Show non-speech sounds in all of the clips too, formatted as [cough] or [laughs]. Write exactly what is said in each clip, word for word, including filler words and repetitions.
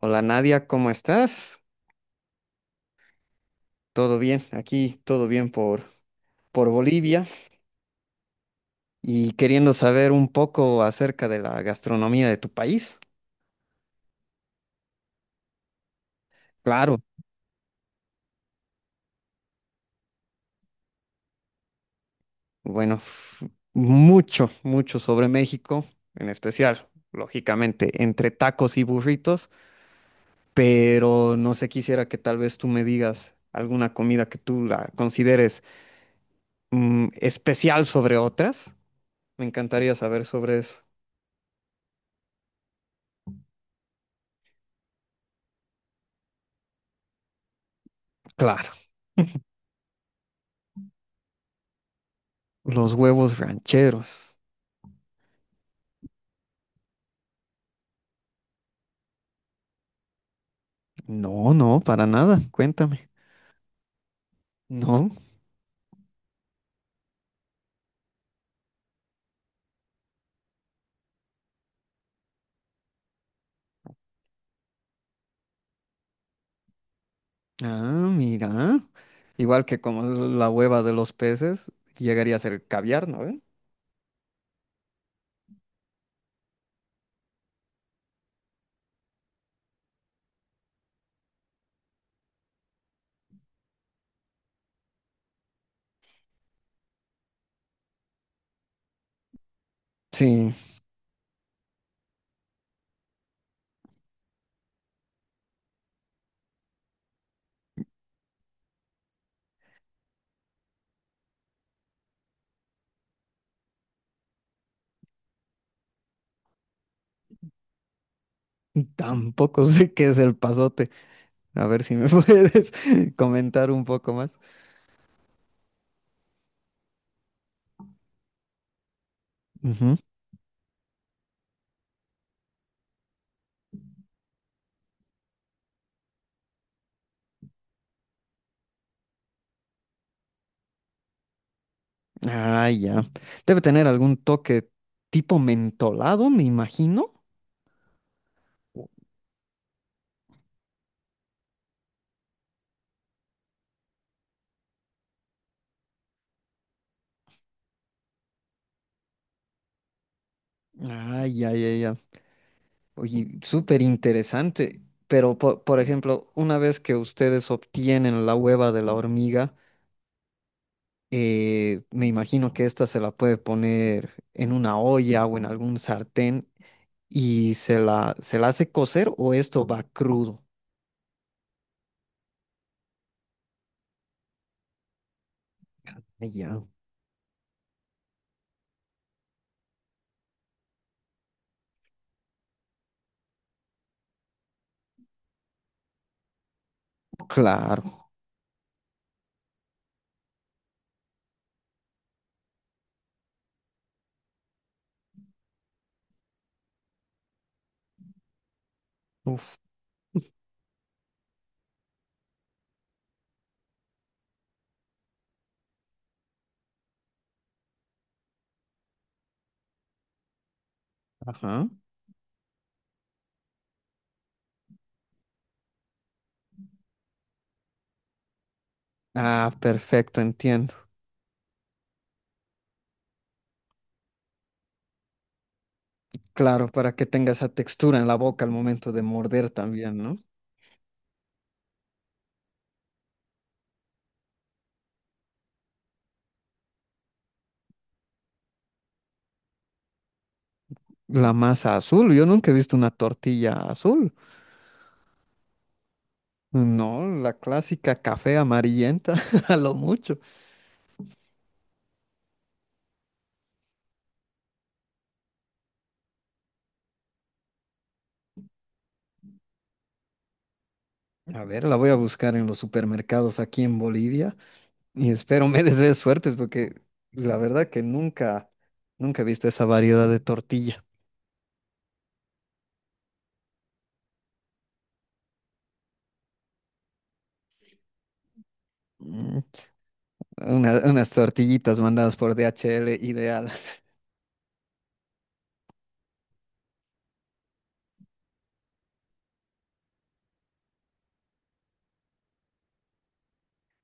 Hola Nadia, ¿cómo estás? Todo bien, aquí todo bien por, por Bolivia y queriendo saber un poco acerca de la gastronomía de tu país. Claro, bueno, f- mucho, mucho sobre México, en especial, lógicamente, entre tacos y burritos, pero no sé, quisiera que tal vez tú me digas alguna comida que tú la consideres mm, especial sobre otras. Me encantaría saber sobre eso. Claro, los huevos rancheros. No, no, para nada, cuéntame. No. Ah, mira. Igual que como la hueva de los peces, llegaría a ser caviar, ¿no? ¿Ve? Sí, tampoco [laughs] sé qué es el pasote. A ver si me [laughs] puedes comentar un poco más. Ujú. Ah, ya. Debe tener algún toque tipo mentolado, me imagino. Ah, ya, ya, ya. Oye, súper interesante. Pero, po- por ejemplo, una vez que ustedes obtienen la hueva de la hormiga, Eh, me imagino que esta se la puede poner en una olla o en algún sartén y se la, se la hace cocer o esto va crudo. Ah, ya, claro. Uf, ajá. Ah, perfecto, entiendo. Claro, para que tenga esa textura en la boca al momento de morder también, ¿no? La masa azul, yo nunca he visto una tortilla azul. No, la clásica café amarillenta, [laughs] a lo mucho. A ver, la voy a buscar en los supermercados aquí en Bolivia. Y espero me [laughs] desees suerte porque la verdad que nunca, nunca he visto esa variedad de tortilla. Mm, una- unas tortillitas mandadas por D H L, ideal. [laughs]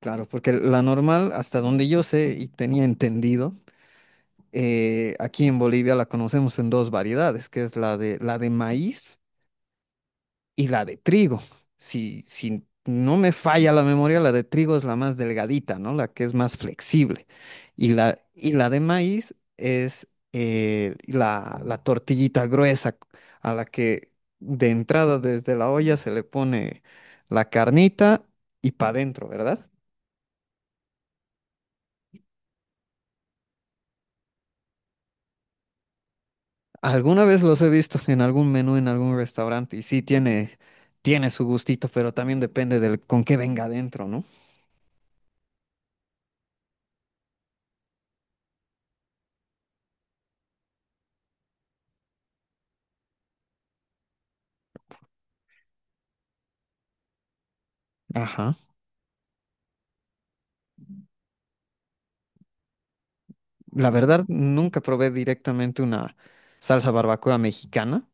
Claro, porque la normal, hasta donde yo sé y tenía entendido, eh, aquí en Bolivia la conocemos en dos variedades, que es la de, la de maíz y la de trigo. Si, si no me falla la memoria, la de trigo es la más delgadita, ¿no? La que es más flexible. Y la, y la de maíz es eh, la, la tortillita gruesa a la que de entrada desde la olla se le pone la carnita y para adentro, ¿verdad? Alguna vez los he visto en algún menú, en algún restaurante, y sí tiene, tiene su gustito, pero también depende del con qué venga adentro, ¿no? Ajá. La verdad, nunca probé directamente una salsa barbacoa mexicana,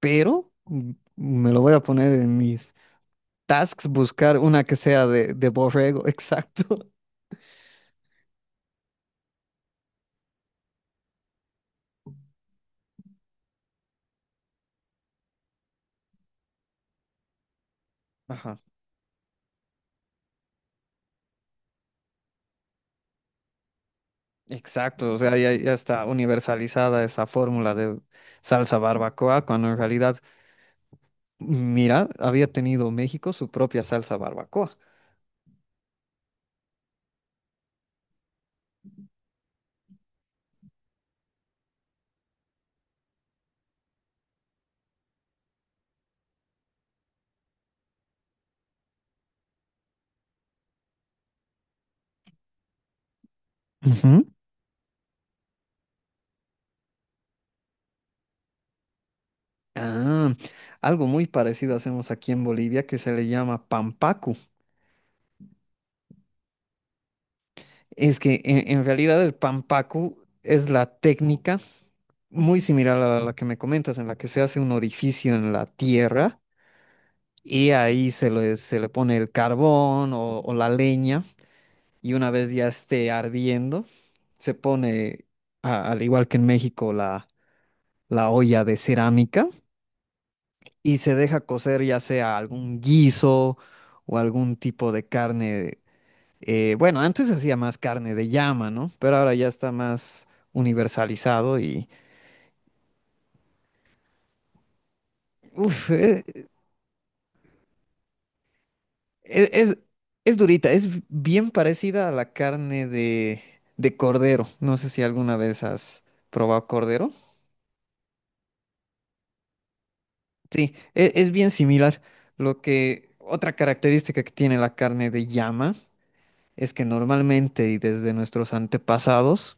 pero mm, me lo voy a poner en mis tasks, buscar una que sea de, de borrego, [laughs] exacto. Ajá, exacto, o sea, ya, ya está universalizada esa fórmula de salsa barbacoa, cuando en realidad, mira, había tenido México su propia salsa barbacoa. Ujú. Ah, algo muy parecido hacemos aquí en Bolivia que se le llama pampacu. Es que en, en realidad el pampaku es la técnica muy similar a la que me comentas, en la que se hace un orificio en la tierra y ahí se le, se le pone el carbón o, o la leña y una vez ya esté ardiendo, se pone, a- al igual que en México, la, la olla de cerámica y se deja cocer ya sea algún guiso o algún tipo de carne. Eh, bueno, antes se hacía más carne de llama, ¿no? Pero ahora ya está más universalizado y... Uf, e- e- es, es durita, es bien parecida a la carne de, de cordero. No sé si alguna vez has probado cordero. Sí, e- es, bien similar. Lo que... Otra característica que tiene la carne de llama es que normalmente y desde nuestros antepasados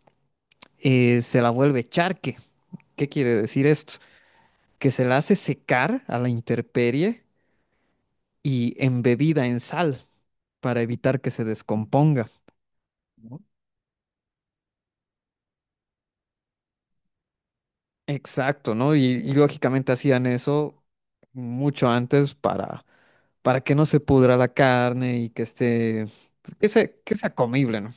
eh, se la vuelve charque. ¿Qué quiere decir esto? Que se la hace secar a la intemperie y embebida en sal para evitar que se descomponga. ¿No? Exacto, ¿no? Y, y lógicamente hacían eso mucho antes para, para que no se pudra la carne y que esté, que sea, que sea comible, ¿no?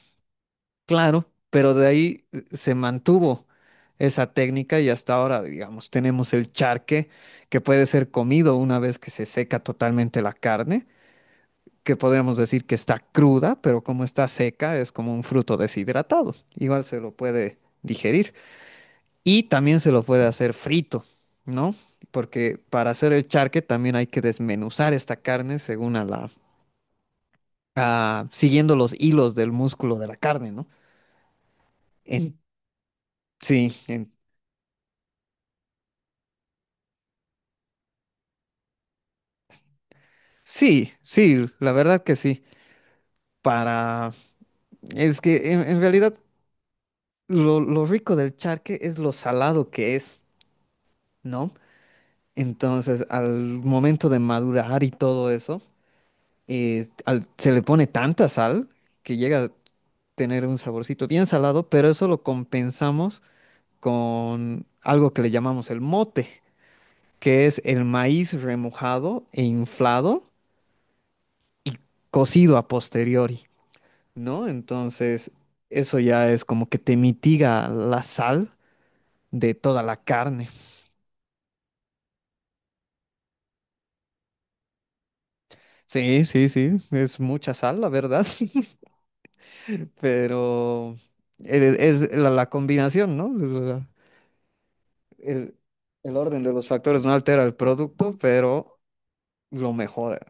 Claro, pero de ahí eh, se mantuvo esa técnica y hasta ahora, digamos, tenemos el charque que puede ser comido una vez que se seca totalmente la carne, que podríamos decir que está cruda, pero como está seca, es como un fruto deshidratado. Igual se lo puede digerir. Y también se lo puede hacer frito, ¿no? Porque para hacer el charque también hay que desmenuzar esta carne según a la, a- siguiendo los hilos del músculo de la carne, ¿no? En- sí, en- sí, sí, la verdad que sí. Para, es que en, en realidad lo, lo rico del charque es lo salado que es, ¿no? Entonces, al momento de madurar y todo eso, eh, al- se le pone tanta sal que llega a tener un saborcito bien salado, pero eso lo compensamos con algo que le llamamos el mote, que es el maíz remojado e inflado, cocido a posteriori, ¿no? Entonces, eso ya es como que te mitiga la sal de toda la carne. Sí, sí, sí, es mucha sal, la verdad. [laughs] Pero el- es la, la combinación, ¿no? La- el, el orden de los factores no altera el producto, pero lo mejora.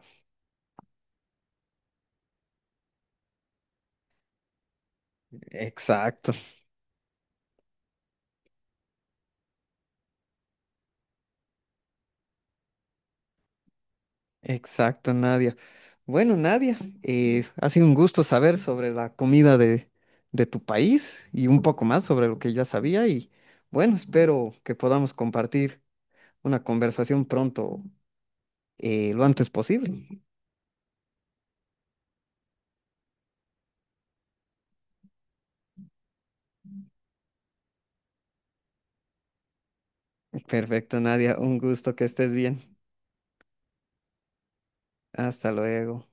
Exacto, exacto, Nadia. Bueno, Nadia, eh, ha sido un gusto saber sobre la comida de, de tu país y un poco más sobre lo que ya sabía y bueno, espero que podamos compartir una conversación pronto, eh, lo antes posible. Perfecto, Nadia, un gusto que estés bien. Hasta luego.